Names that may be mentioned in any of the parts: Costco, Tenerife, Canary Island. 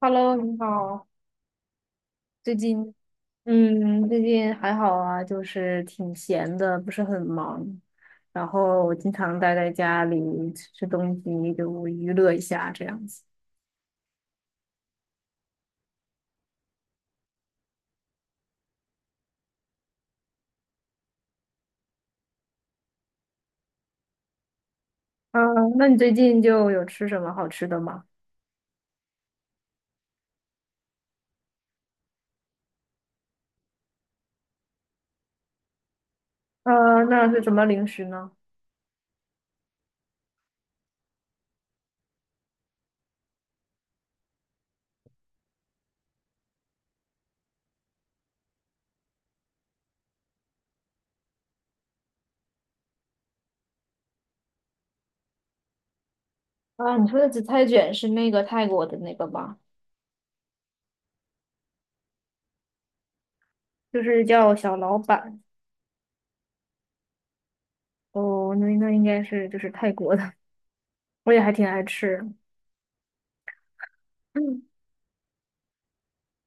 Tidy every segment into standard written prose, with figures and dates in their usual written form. Hello，你好。最近，最近还好啊，就是挺闲的，不是很忙。然后我经常待在家里吃吃东西，就娱乐一下这样子。嗯，那你最近就有吃什么好吃的吗？嗯，那是什么零食呢？啊，你说的紫菜卷是那个泰国的那个吧？就是叫小老板。哦，那应该是就是泰国的，我也还挺爱吃。嗯，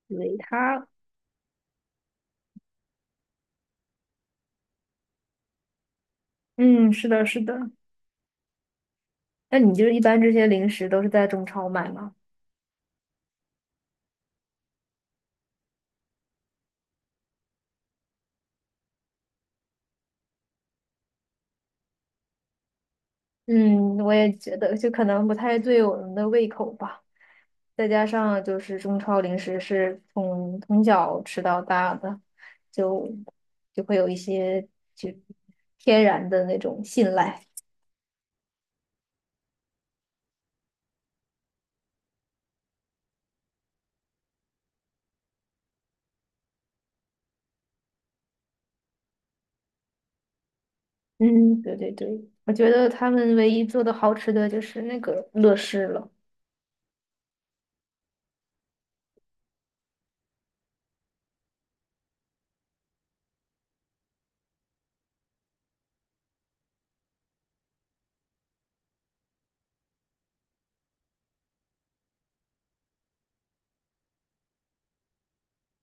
维他。嗯，是的，是的。那你就是一般这些零食都是在中超买吗？嗯，我也觉得，就可能不太对我们的胃口吧。再加上就是中超零食是从小吃到大的，就就会有一些就天然的那种信赖。嗯，对对对，我觉得他们唯一做的好吃的就是那个乐事了。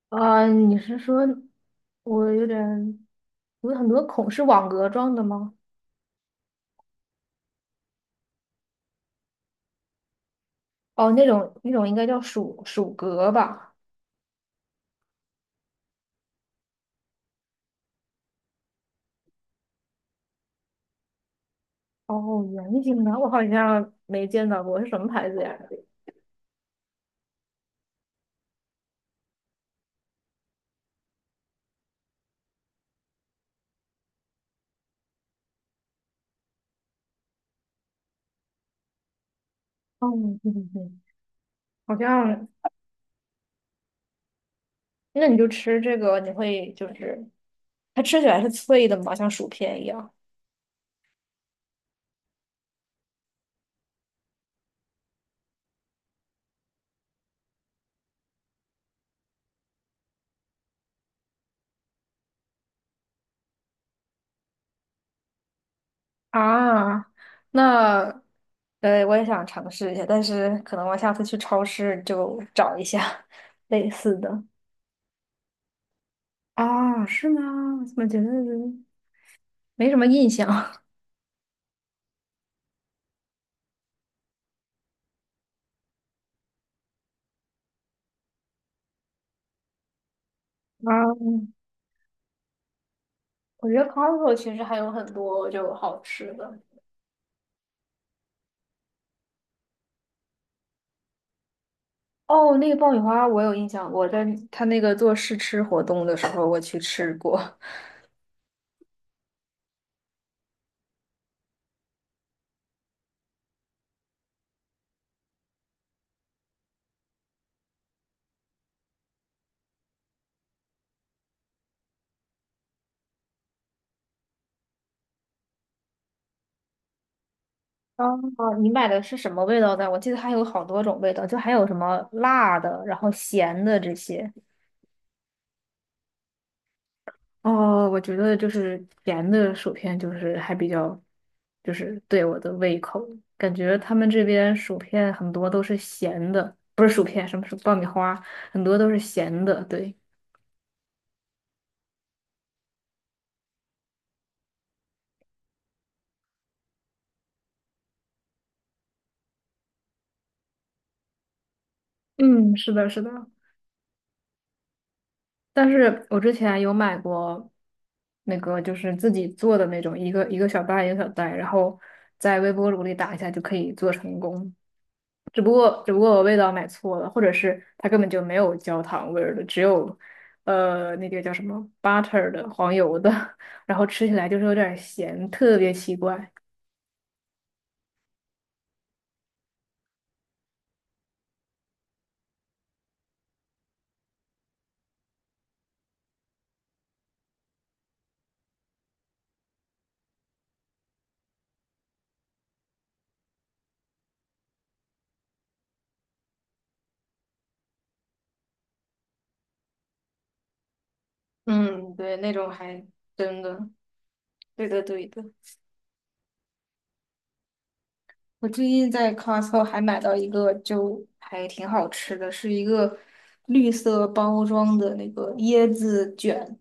啊，你是说我有点有很多孔是网格状的吗？哦，那种应该叫薯薯格吧？哦，圆形的，我好像没见到过，是什么牌子呀？哦，对对对，好像，那你就吃这个，你会就是它吃起来是脆的嘛，像薯片一样。啊，那，我也想尝试一下，但是可能我下次去超市就找一下类似的。啊，是吗？我怎么觉得没什么印象？啊，我觉得 Costco 其实还有很多就好吃的。哦，那个爆米花我有印象，我在他那个做试吃活动的时候我去吃过。哦，你买的是什么味道的？我记得还有好多种味道，就还有什么辣的，然后咸的这些。哦，我觉得就是甜的薯片就是还比较，就是对我的胃口。感觉他们这边薯片很多都是咸的，不是薯片，什么是爆米花，很多都是咸的。对，嗯，是的，是的，但是我之前有买过那个就是自己做的那种，一个一个小袋一个小袋，然后在微波炉里打一下就可以做成功。只不过我味道买错了，或者是它根本就没有焦糖味儿的，只有那个叫什么 butter 的黄油的，然后吃起来就是有点儿咸，特别奇怪。嗯，对，那种还真的，对的对的。我最近在 Costco 还买到一个，就还挺好吃的，是一个绿色包装的那个椰子卷，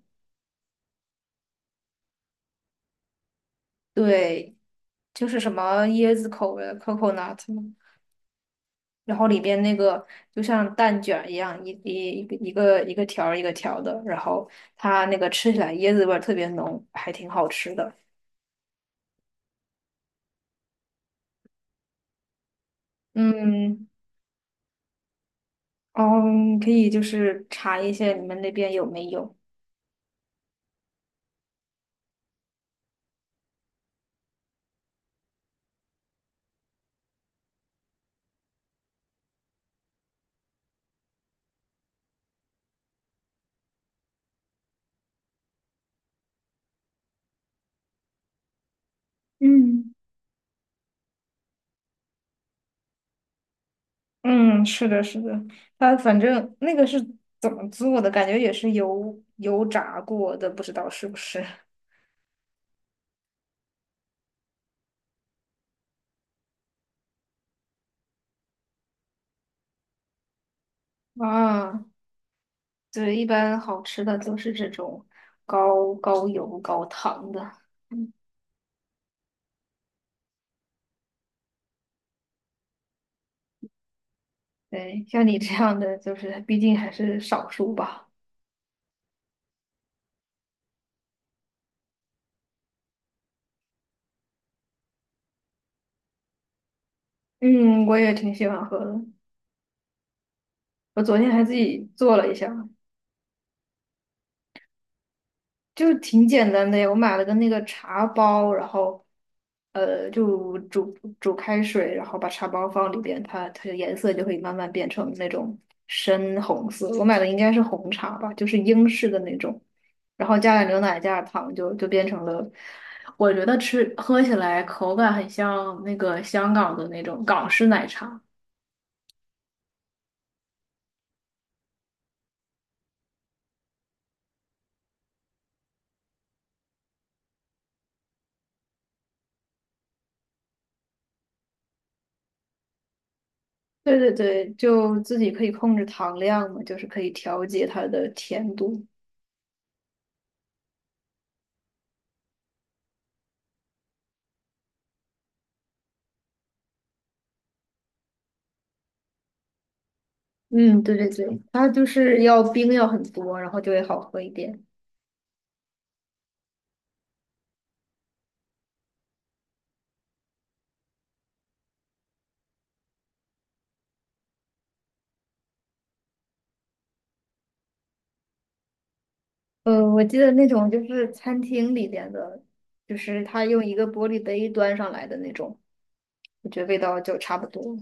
对，就是什么椰子口味的 coconut 嘛，然后里边那个就像蛋卷一样，一个一个条儿一个条儿的，然后它那个吃起来椰子味儿特别浓，还挺好吃的。嗯，哦，你可以就是查一下你们那边有没有。嗯。嗯，是的，是的，它反正那个是怎么做的，感觉也是油油炸过的，不知道是不是。啊，对，一般好吃的都是这种高高油高糖的。嗯，对，像你这样的，就是毕竟还是少数吧。嗯，我也挺喜欢喝的，我昨天还自己做了一下。就挺简单的呀，我买了个那个茶包，然后，就煮开水，然后把茶包放里边，它的颜色就会慢慢变成那种深红色。我买的应该是红茶吧，就是英式的那种，然后加点牛奶，加点糖就，就变成了。我觉得吃喝起来口感很像那个香港的那种港式奶茶。对对对，就自己可以控制糖量嘛，就是可以调节它的甜度。嗯，对对对，它就是要冰要很多，然后就会好喝一点。我记得那种就是餐厅里边的，就是它用一个玻璃杯端上来的那种，我觉得味道就差不多。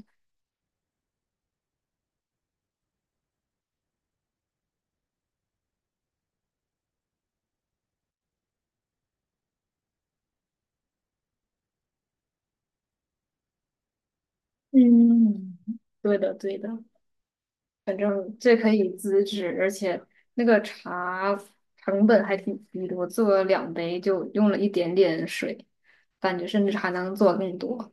嗯，对的，对的，反正这可以自制，而且那个茶成本还挺低的，我做了两杯就用了一点点水，感觉甚至还能做更多。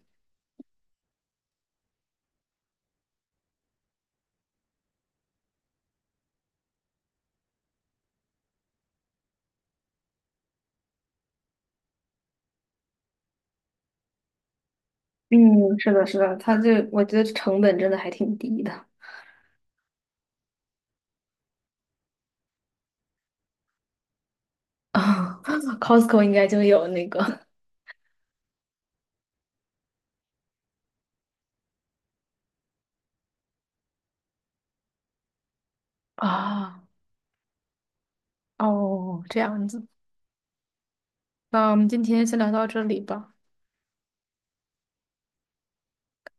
嗯，是的，是的，它这我觉得成本真的还挺低的。啊 ，Costco 应该就有那个。啊，哦，这样子，那我们今天先聊到这里吧，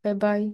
拜拜。